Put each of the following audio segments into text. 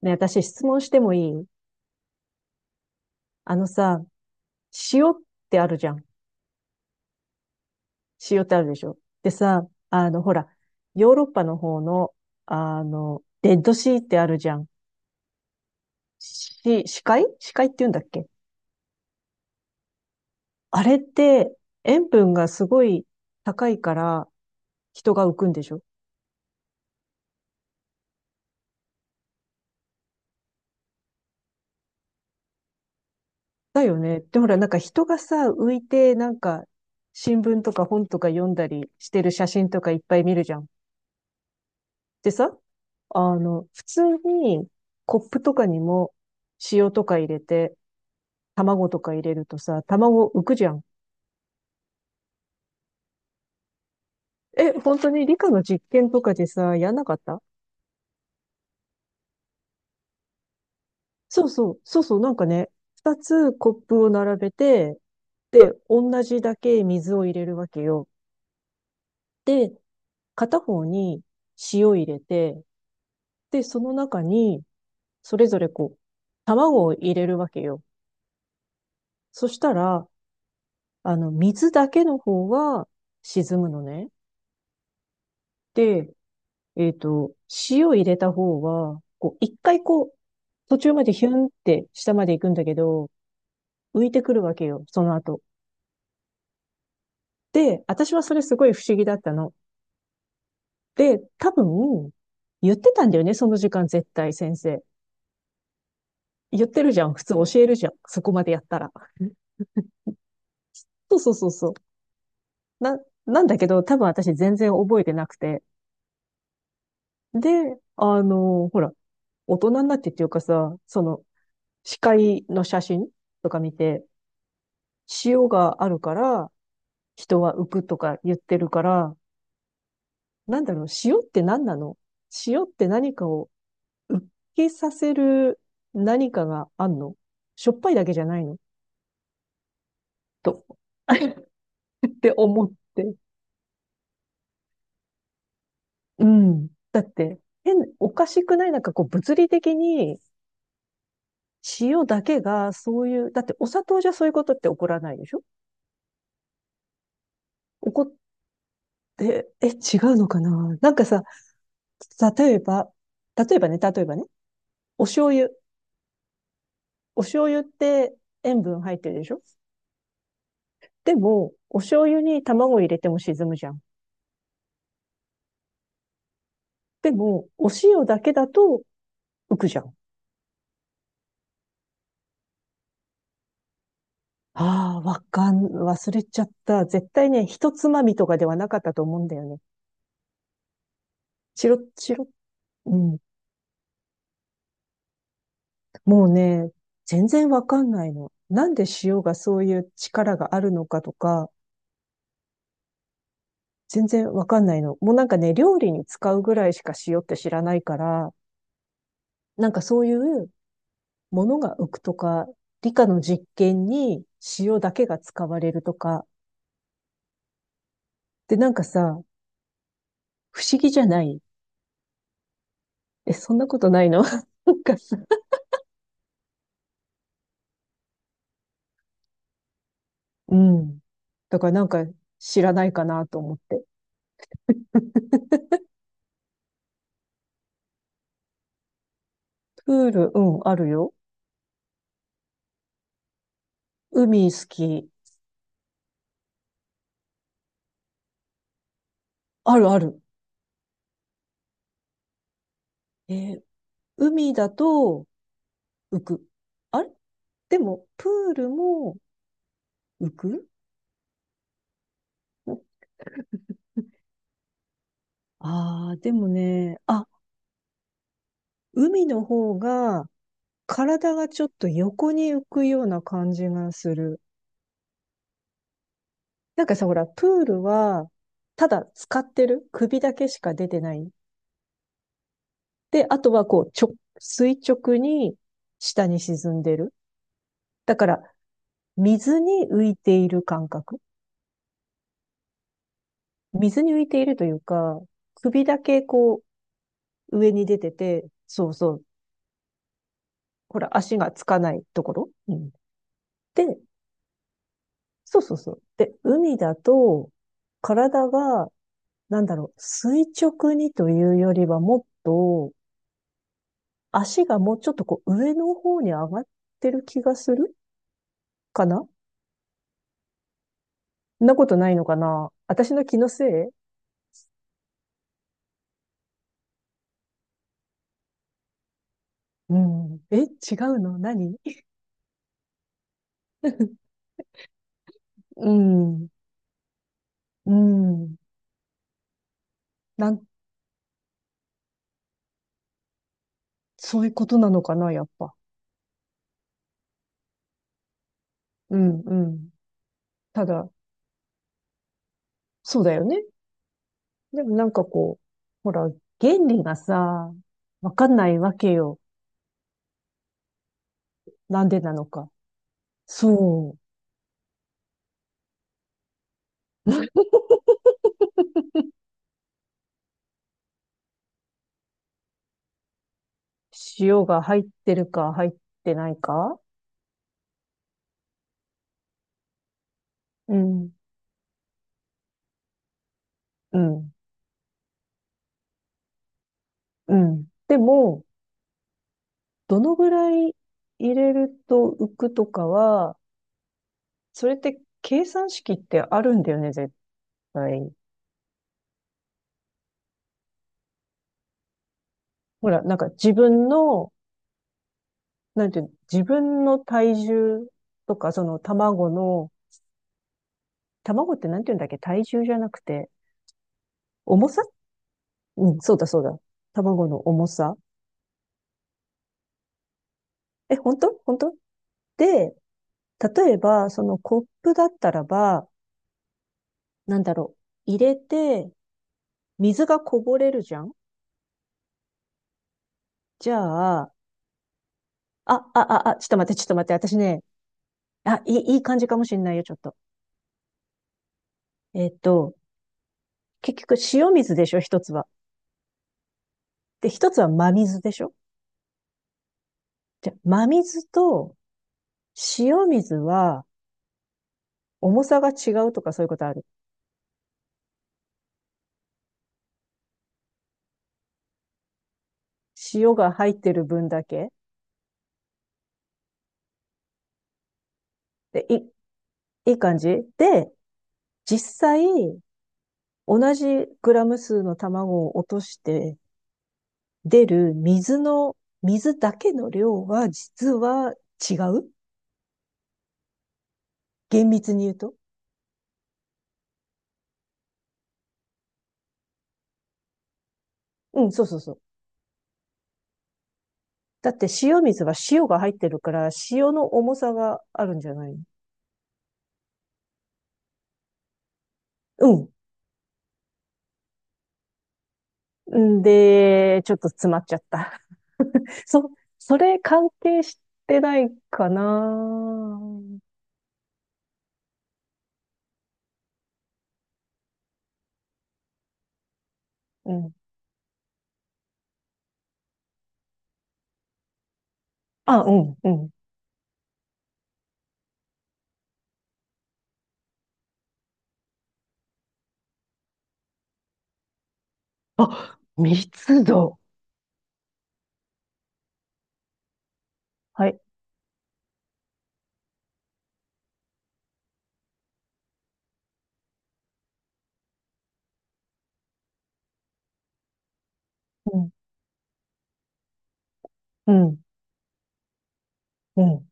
ね、私質問してもいい？あのさ、塩ってあるじゃん。塩ってあるでしょ。でさ、ほら、ヨーロッパの方の、レッドシーってあるじゃん。死海死海って言うんだっけ？あれって、塩分がすごい高いから人が浮くんでしょ？だよね。で、ほら、なんか人がさ、浮いて、なんか、新聞とか本とか読んだりしてる写真とかいっぱい見るじゃん。でさ、普通にコップとかにも塩とか入れて、卵とか入れるとさ、卵浮くじゃん。え、本当に理科の実験とかでさ、やんなかった？そうそう、そうそう、なんかね、二つコップを並べて、で、同じだけ水を入れるわけよ。で、片方に塩入れて、で、その中に、それぞれこう、卵を入れるわけよ。そしたら、水だけの方は沈むのね。で、えっと、塩入れた方は、こう、一回こう、途中までヒュンって下まで行くんだけど、浮いてくるわけよ、その後。で、私はそれすごい不思議だったの。で、多分、言ってたんだよね、その時間絶対先生。言ってるじゃん、普通教えるじゃん、そこまでやったら。そうそうそうそう。な、なんだけど、多分私全然覚えてなくて。で、ほら、大人になってっていうかさ、視界の写真とか見て、塩があるから人は浮くとか言ってるから、なんだろう、塩って何なの？塩って何かを浮きさせる何かがあんの？しょっぱいだけじゃないの？と、って思って。うん。だって、変、おかしくない？なんかこう物理的に塩だけがそういう、だってお砂糖じゃそういうことって起こらないでしょ？起こって、え、違うのかな？なんかさ、例えば、例えばね、お醤油。お醤油って塩分入ってるでしょ？でも、お醤油に卵入れても沈むじゃん。でも、お塩だけだと浮くじゃん。ああ、わかん、忘れちゃった。絶対ね、一つまみとかではなかったと思うんだよね。チロッチロッ。うん。もうね、全然わかんないの。なんで塩がそういう力があるのかとか、全然わかんないの。もうなんかね、料理に使うぐらいしか塩って知らないから、なんかそういうものが浮くとか、理科の実験に塩だけが使われるとか、でなんかさ、不思議じゃない？え、そんなことないの？ なんかさ、うん。だからなんか知らないかなと思って。プール、うん、あるよ。海好き。あるある。えー海だと浮く。あれ？でも、プールも浮く？ああー、でもね、あ、海の方が体がちょっと横に浮くような感じがする。なんかさ、ほら、プールは、ただ使ってる首だけしか出てない。で、あとはこう、垂直に下に沈んでる。だから、水に浮いている感覚。水に浮いているというか、首だけこう、上に出てて、そうそう。ほら、足がつかないところ。うん、で、そうそうそう。で、海だと、体がなんだろう、垂直にというよりはもっと、足がもうちょっとこう上の方に上がってる気がするかな？そんなことないのかな？私の気のせい？うん。え、違うの何？ うん。うん。なん、そういうことなのかなやっぱ。うん、うん。ただ、そうだよね。でもなんかこう、ほら、原理がさ、わかんないわけよ。なんでなのか。そう。塩が入ってるか入ってないか？うん、うん、うん。でも、どのぐらい入れると浮くとかは、それって計算式ってあるんだよね、絶対。ほら、なんか自分の、なんていうの、自分の体重とか、その卵の、卵ってなんていうんだっけ、体重じゃなくて、重さ？うん、そうだそうだ。卵の重さ。え、本当？本当？で、例えば、そのコップだったらば、なんだろう、入れて、水がこぼれるじゃん？じゃあ、あ、ちょっと待って、ちょっと待って、私ね、あ、いい感じかもしんないよ、ちょっと。えっと、結局、塩水でしょ、一つは。で、一つは真水でしょ？じゃあ、真水と塩水は、重さが違うとかそういうことある？塩が入ってる分だけ。で、いい感じで、実際、同じグラム数の卵を落として出る水の、水だけの量は実は違う、厳密に言うと。うん、そうそうそう。だって塩水は塩が入ってるから、塩の重さがあるんじゃないの？うん。んで、ちょっと詰まっちゃった。そ、それ関係してないかな？うん。あ、うん、うん。あ、密度。はい。うん、うん、うん、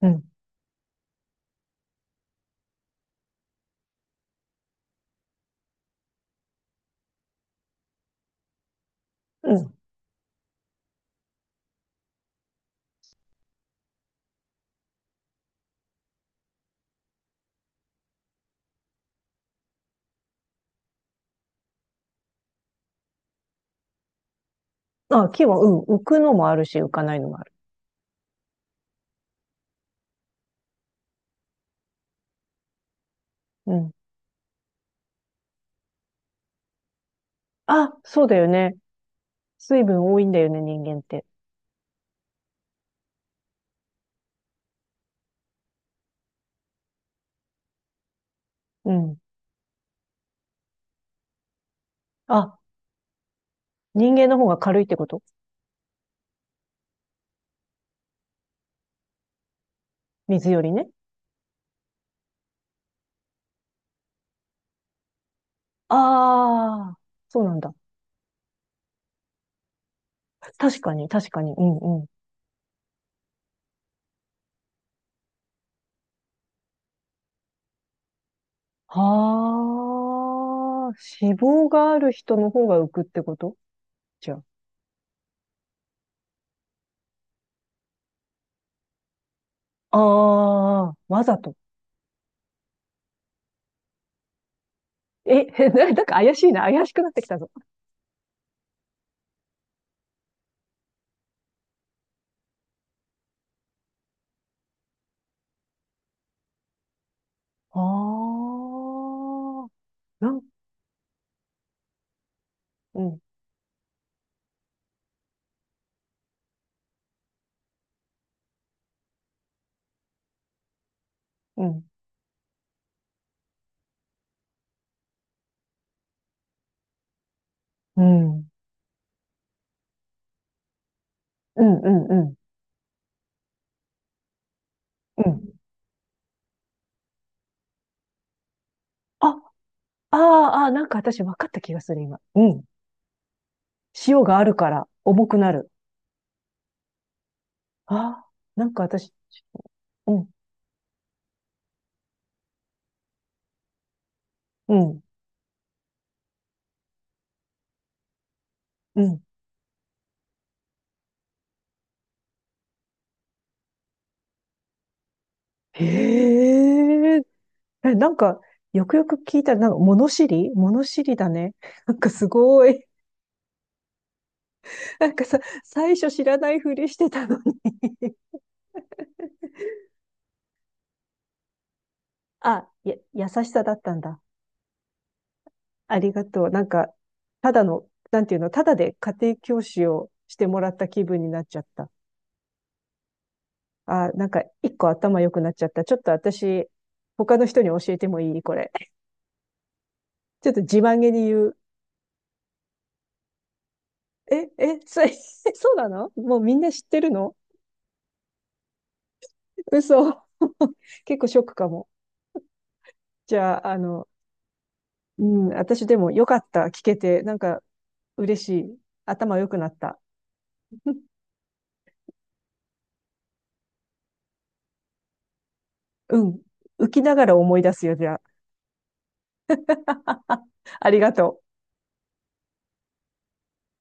うん。うん。あ、木は、うん、浮くのもあるし、浮かないのもある。うん。あ、そうだよね。水分多いんだよね、人間って。うん。あ、人間の方が軽いってこと？水よりね。ああ、そうなんだ。確かに、確かに。うんうん。はあ、脂肪がある人の方が浮くってこと？じゃあ。ああ、わざと。え、なんか怪しいな。怪しくなってきたぞ。ああ、なん、うん、うん、うん、うん、うん、うん。うん。あ、あーあー、なんか私分かった気がする、今。うん。塩があるから重くなる。ああ、なんか私、うん、うん、うん。へえ。え、なんか、よくよく聞いたら、なんか、物知り物知りだね。なんかすごい。なんかさ、最初知らないふりしてたのに あ、や、優しさだったんだ。ありがとう。なんか、ただの、なんていうの、ただで家庭教師をしてもらった気分になっちゃった。あ、なんか、一個頭良くなっちゃった。ちょっと私、他の人に教えてもいいこれ？ちょっと自慢げに言う。え、それ そうなの？もうみんな知ってるの？嘘。結構ショックかも。じゃあ、うん、私でもよかった。聞けて、なんか嬉しい。頭良くなった。うん。浮きながら思い出すよ、じゃあ。ありがとう。